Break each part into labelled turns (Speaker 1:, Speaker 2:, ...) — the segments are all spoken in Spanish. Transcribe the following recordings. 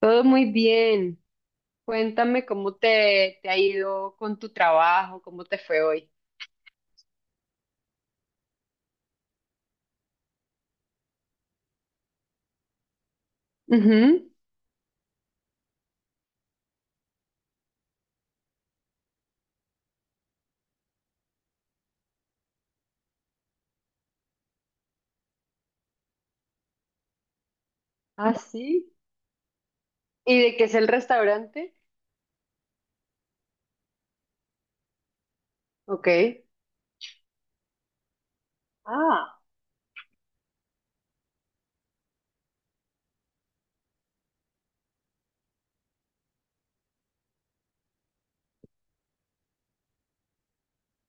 Speaker 1: Todo muy bien. Cuéntame cómo te ha ido con tu trabajo, cómo te fue hoy. Ujú. Ah, sí. ¿Y de qué es el restaurante? Ok. Ah.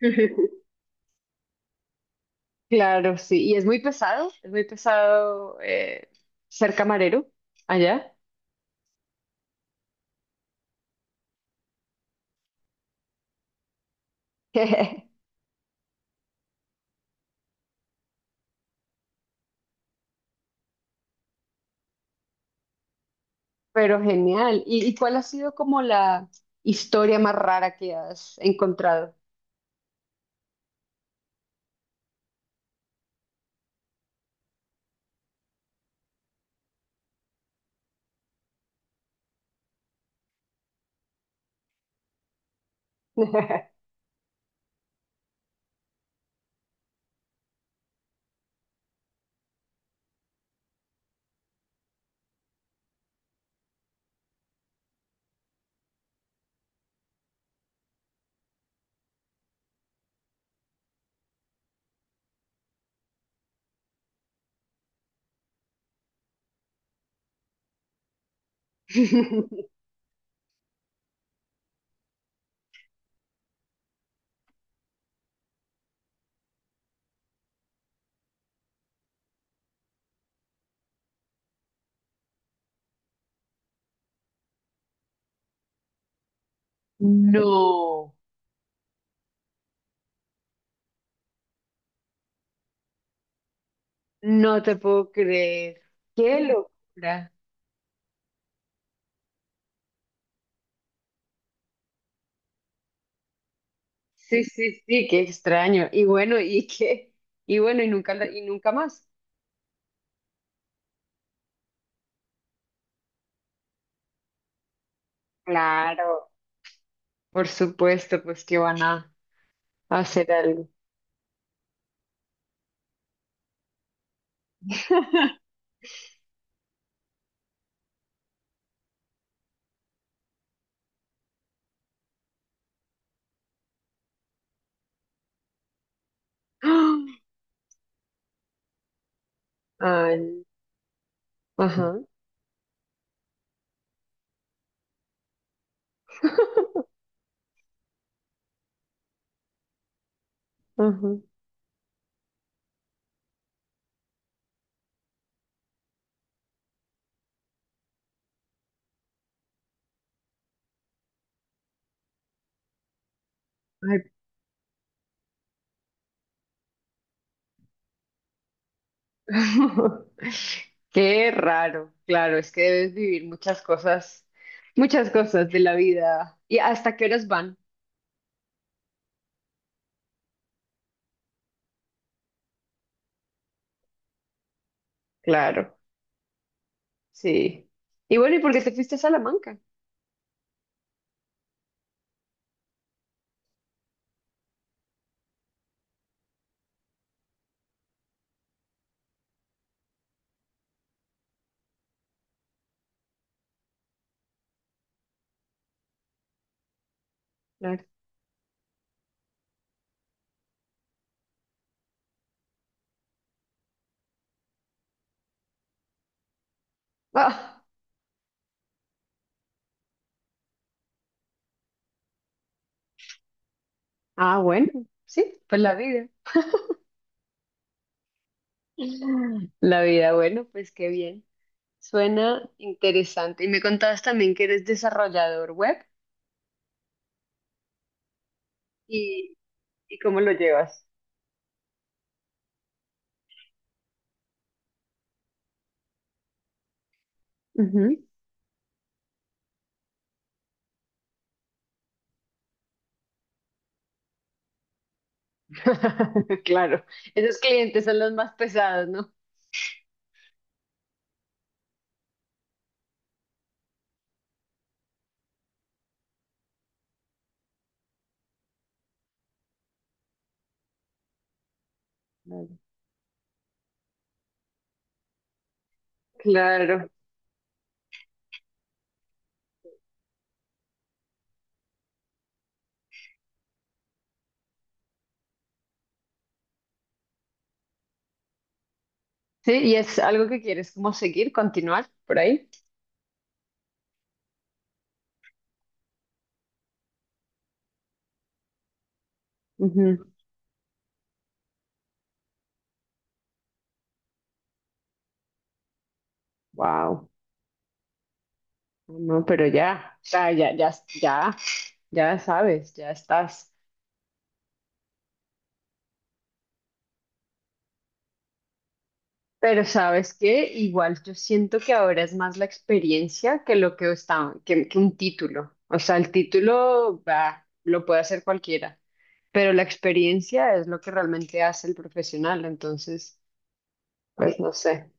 Speaker 1: Claro, sí. ¿Y es muy pesado? Es muy pesado ser camarero allá. Pero genial. ¿Y cuál ha sido como la historia más rara que has encontrado? No, no te puedo creer. Qué locura. Sí, sí, sí, qué extraño. Y bueno, y nunca más. Claro, por supuesto, pues que van a hacer algo. ¡Ah! Ay, ajá, ajá. Ay, qué raro. Claro, es que debes vivir muchas cosas de la vida. ¿Y hasta qué horas van? Claro, sí. Y bueno, ¿y por qué te fuiste a Salamanca? Claro. Ah, ah, bueno, sí, pues la vida. La vida, bueno, pues qué bien. Suena interesante. Y me contabas también que eres desarrollador web y, y cómo lo llevas. Ujú. Claro, esos clientes son los más pesados, ¿no? Claro. Claro. Sí, y es algo que quieres como seguir, continuar por ahí. Wow. No, pero ya, o sea, ya, ya, ya, ya sabes, ya estás. Pero ¿sabes qué? Igual yo siento que ahora es más la experiencia que lo que está que un título. O sea, el título bah, lo puede hacer cualquiera, pero la experiencia es lo que realmente hace el profesional. Entonces, pues no sé.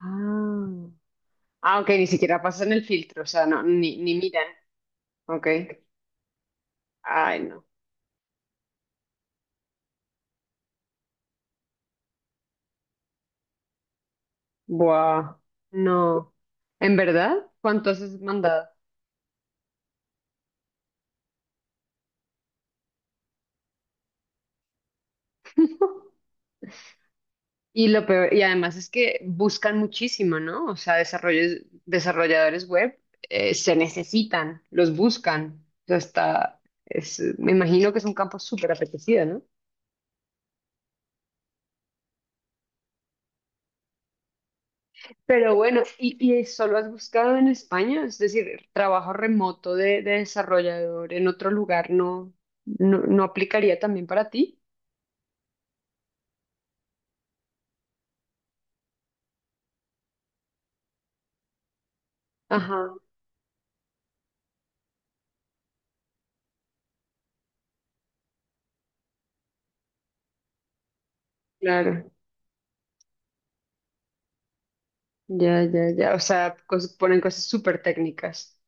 Speaker 1: Ah, ah, ok, ni siquiera pasan el filtro, o sea, no, ni miran. Ok. Ay, no. Buah, no. ¿En verdad? ¿Cuántos has mandado? Y lo peor, y además es que buscan muchísimo, ¿no? O sea, desarrollos, desarrolladores web se necesitan, los buscan. O sea, está, es, me imagino que es un campo súper apetecido, ¿no? Pero bueno, ¿y solo has buscado en España? Es decir, trabajo remoto de desarrollador en otro lugar no, no, no aplicaría también para ti. Ajá, claro. Ya, ya, ya. O sea, cos- ponen cosas súper técnicas.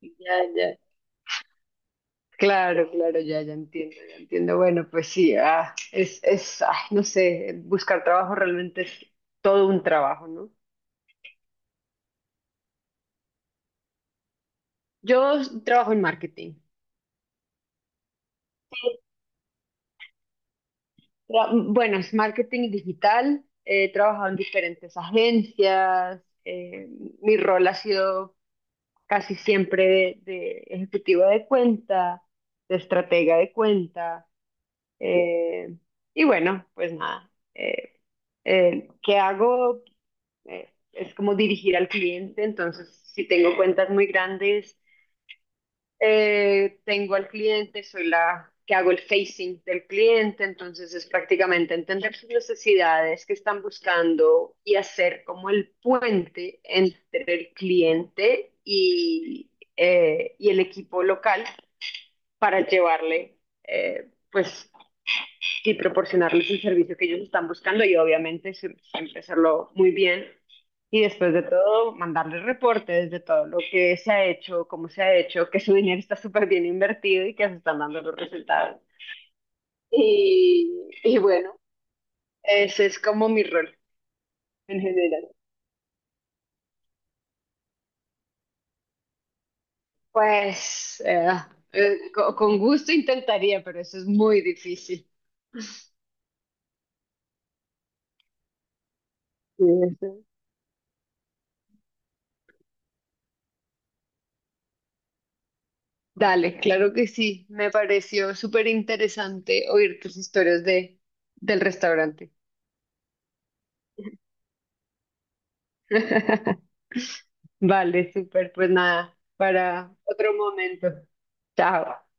Speaker 1: Ya, ya. Claro, claro, ya, ya entiendo, ya entiendo. Bueno, pues sí, ah, es, ay, no sé, buscar trabajo realmente es todo un trabajo, ¿no? Yo trabajo en marketing. Tra- bueno, es marketing digital, he trabajado en diferentes agencias, mi rol ha sido casi siempre de ejecutiva de cuenta, de estratega de cuenta, eh, y bueno, pues nada. ¿Qué hago? Es como dirigir al cliente, entonces si tengo cuentas muy grandes, tengo al cliente, soy la que hago el facing del cliente, entonces es prácticamente entender sus necesidades que están buscando y hacer como el puente entre el cliente y el equipo local para llevarle eh, pues y proporcionarles el servicio que ellos están buscando y obviamente siempre hacerlo muy bien. Y después de todo, mandarles reportes de todo lo que se ha hecho, cómo se ha hecho, que su dinero está súper bien invertido y que se están dando los resultados. Y bueno, ese es como mi rol en general. Pues con gusto intentaría, pero eso es muy difícil. Sí, eso. Dale, claro que sí. Me pareció súper interesante oír tus historias de, del restaurante. Vale, súper. Pues nada, para otro momento. Chao.